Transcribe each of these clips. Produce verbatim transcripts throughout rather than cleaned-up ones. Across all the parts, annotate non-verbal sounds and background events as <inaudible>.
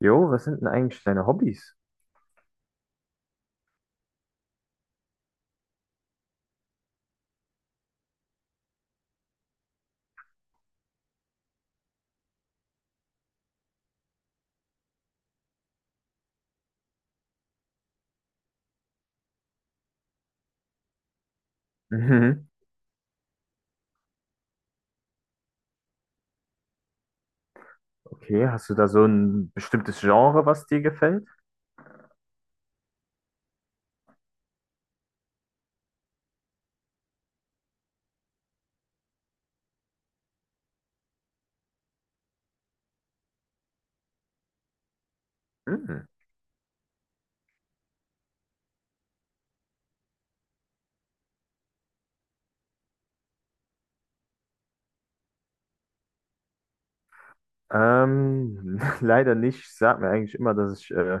Jo, was sind denn eigentlich deine Hobbys? Mhm. Okay, hast du da so ein bestimmtes Genre, was dir gefällt? Mhm. Ähm, <laughs> leider nicht. Ich sag mir eigentlich immer, dass ich äh,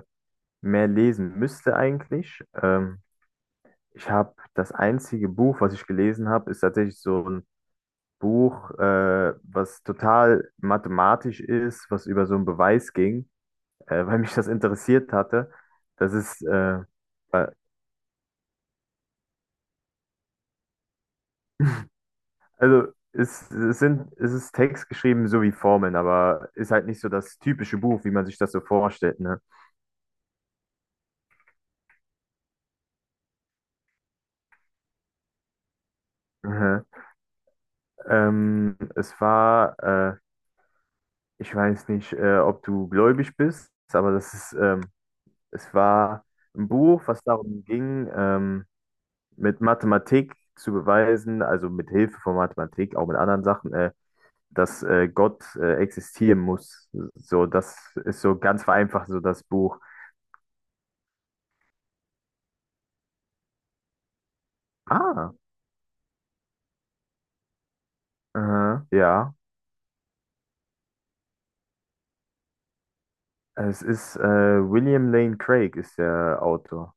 mehr lesen müsste eigentlich. Ähm, ich habe das einzige Buch, was ich gelesen habe, ist tatsächlich so ein Buch, äh, was total mathematisch ist, was über so einen Beweis ging, äh, weil mich das interessiert hatte. Das ist äh, äh, <laughs> Also es, es sind, es ist Text geschrieben so wie Formeln, aber ist halt nicht so das typische Buch, wie man sich das so vorstellt, ne? Mhm. Ähm, es war, äh, ich weiß nicht, äh, ob du gläubig bist, aber das ist, ähm, es war ein Buch, was darum ging, ähm, mit Mathematik zu beweisen, also mit Hilfe von Mathematik, auch mit anderen Sachen, äh, dass äh, Gott äh, existieren muss. So, das ist so ganz vereinfacht so das Buch. Ah, aha, ja. Es ist äh, William Lane Craig ist der Autor.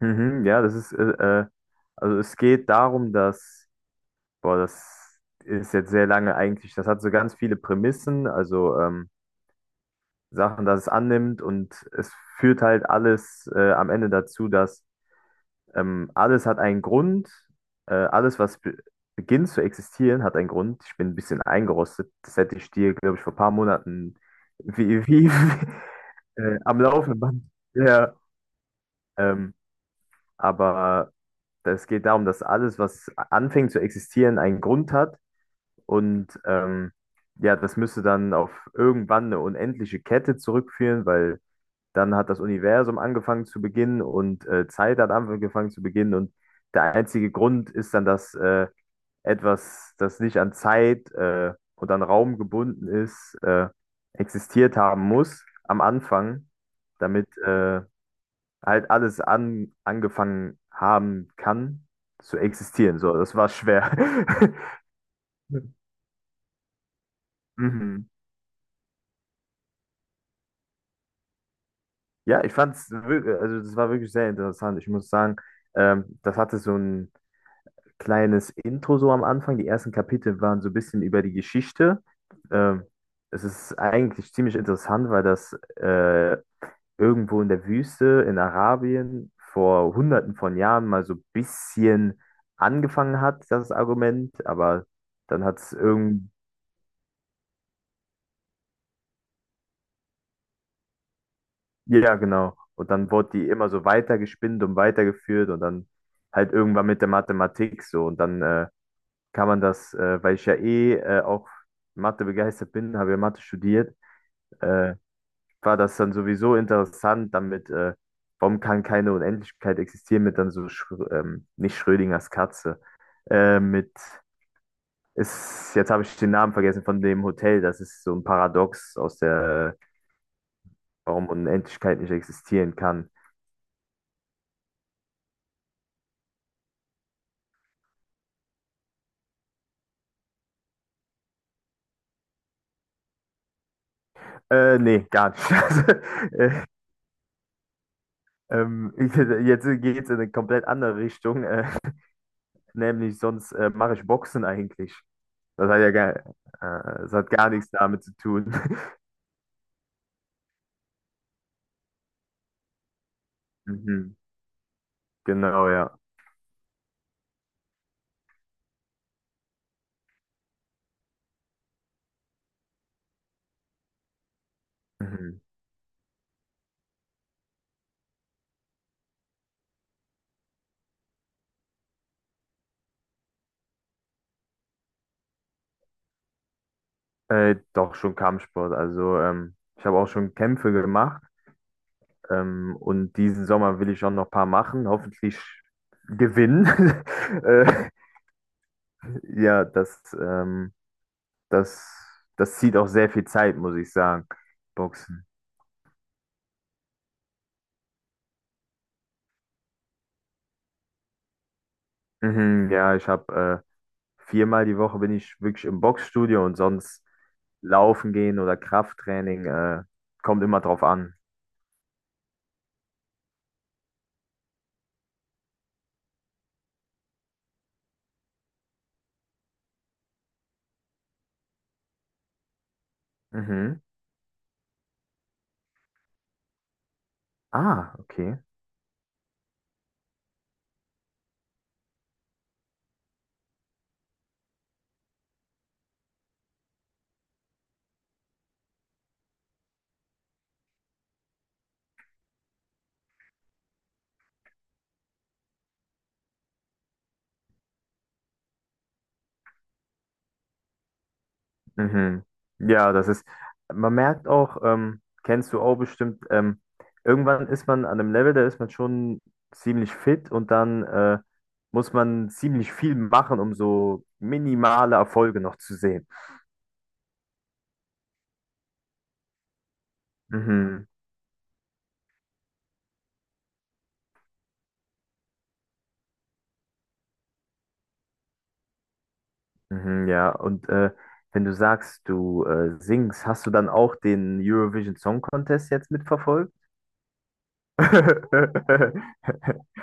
Mhm, ja, das ist, äh, äh, also es geht darum, dass, boah, das ist jetzt sehr lange eigentlich, das hat so ganz viele Prämissen, also ähm, Sachen, dass es annimmt und es führt halt alles äh, am Ende dazu, dass ähm, alles hat einen Grund, äh, alles, was be beginnt zu existieren, hat einen Grund. Ich bin ein bisschen eingerostet, das hätte ich dir, glaube ich, vor ein paar Monaten wie, wie, <laughs> äh, am laufenden Band. Ja, Ähm, aber es geht darum, dass alles, was anfängt zu existieren, einen Grund hat. Und ähm, ja, das müsste dann auf irgendwann eine unendliche Kette zurückführen, weil dann hat das Universum angefangen zu beginnen und äh, Zeit hat angefangen zu beginnen. Und der einzige Grund ist dann, dass äh, etwas, das nicht an Zeit äh, und an Raum gebunden ist, äh, existiert haben muss am Anfang, damit äh, halt alles an, angefangen haben kann zu existieren. So, das war schwer. <laughs> Mhm. Ja, ich fand's wirklich, also das war wirklich sehr interessant. Ich muss sagen, ähm, das hatte so ein kleines Intro so am Anfang. Die ersten Kapitel waren so ein bisschen über die Geschichte. Ähm, es ist eigentlich ziemlich interessant, weil das äh, irgendwo in der Wüste in Arabien vor hunderten von Jahren mal so ein bisschen angefangen hat, das Argument, aber dann hat es irgend, ja, genau. Und dann wurde die immer so weitergespinnt und weitergeführt und dann halt irgendwann mit der Mathematik so. Und dann äh, kann man das, äh, weil ich ja eh äh, auch Mathe begeistert bin, habe ja Mathe studiert, äh, war das dann sowieso interessant, damit, äh, warum kann keine Unendlichkeit existieren mit dann so, Schrö- ähm, nicht Schrödingers Katze, äh, mit, ist, jetzt habe ich den Namen vergessen von dem Hotel, das ist so ein Paradox aus der, äh, warum Unendlichkeit nicht existieren kann. Äh, nee, gar nicht. <laughs> Also, äh, ähm, ich, jetzt geht es in eine komplett andere Richtung, äh, nämlich sonst äh, mache ich Boxen eigentlich. Das hat ja gar, äh, das hat gar nichts damit zu tun. <laughs> Mhm, genau, ja. Mhm. Äh, doch schon Kampfsport. Also ähm, ich habe auch schon Kämpfe gemacht, ähm, und diesen Sommer will ich auch noch ein paar machen. Hoffentlich gewinnen. <laughs> äh, ja, das, ähm, das, das zieht auch sehr viel Zeit, muss ich sagen. Boxen. Mhm, ja, ich habe äh, viermal die Woche bin ich wirklich im Boxstudio und sonst laufen gehen oder Krafttraining äh, kommt immer drauf an. Mhm. Ah, okay. Mhm. Ja, das ist, man merkt auch, ähm, kennst du auch bestimmt, ähm, irgendwann ist man an einem Level, da ist man schon ziemlich fit und dann äh, muss man ziemlich viel machen, um so minimale Erfolge noch zu sehen. Mhm. Mhm, ja, und äh, wenn du sagst, du äh, singst, hast du dann auch den Eurovision Song Contest jetzt mitverfolgt? <laughs>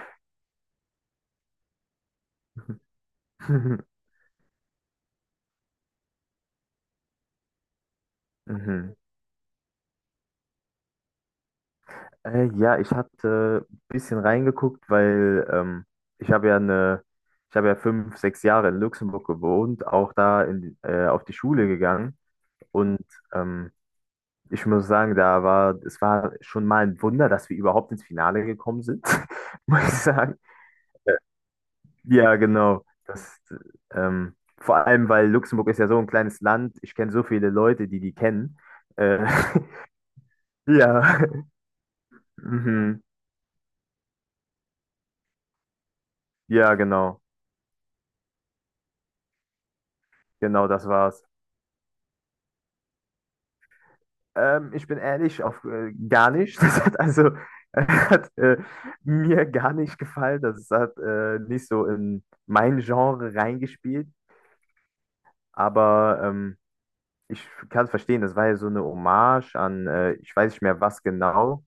Mhm. Äh, ja, ich hatte ein bisschen reingeguckt, weil ähm, ich habe ja eine, ich habe ja fünf, sechs Jahre in Luxemburg gewohnt, auch da in, äh, auf die Schule gegangen. Und ähm, ich muss sagen, da war, es war schon mal ein Wunder, dass wir überhaupt ins Finale gekommen sind, <laughs> muss ich sagen. Ja, genau. Das, ähm, vor allem, weil Luxemburg ist ja so ein kleines Land. Ich kenne so viele Leute, die die kennen. Äh, <laughs> ja, mhm. Ja, genau. Genau, das war's. Ähm, ich bin ehrlich, auf äh, gar nicht. <laughs> Das hat also <laughs> äh, hat äh, mir gar nicht gefallen. Das hat äh, nicht so in mein Genre reingespielt. Aber ähm, ich kann es verstehen. Das war ja so eine Hommage an, äh, ich weiß nicht mehr was genau,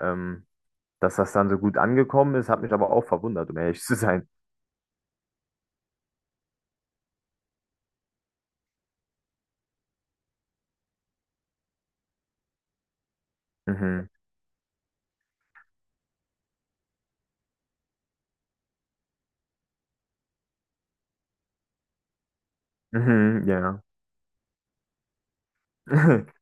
ähm, dass das dann so gut angekommen ist. Hat mich aber auch verwundert, um ehrlich zu sein. Mhm. Mhm, ja. <laughs>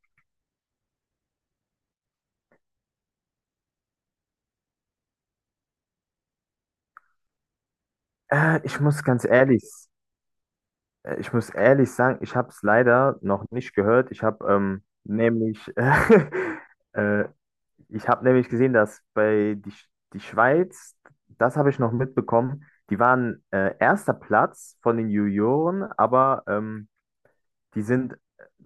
Äh, ich muss ganz ehrlich. Äh, Ich muss ehrlich sagen, ich habe es leider noch nicht gehört. Ich habe ähm, nämlich, <laughs> äh, ich habe nämlich gesehen, dass bei die, Sch- die Schweiz, das habe ich noch mitbekommen, die waren äh, erster Platz von den Junioren, aber ähm, die sind,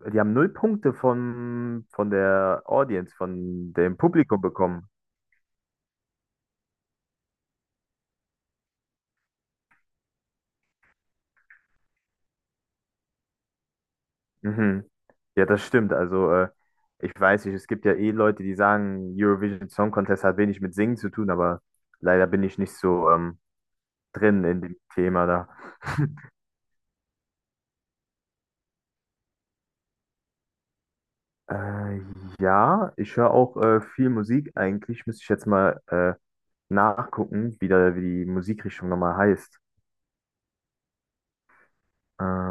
äh, die haben null Punkte von, von der Audience, von dem Publikum bekommen. Mhm. Ja, das stimmt. Also, äh, ich weiß nicht, es gibt ja eh Leute, die sagen, Eurovision Song Contest hat wenig mit Singen zu tun, aber leider bin ich nicht so ähm, drin in dem Thema da. Äh, ja, ich höre auch äh, viel Musik eigentlich. Müsste ich jetzt mal äh, nachgucken, wie, da, wie die Musikrichtung nochmal heißt. Äh,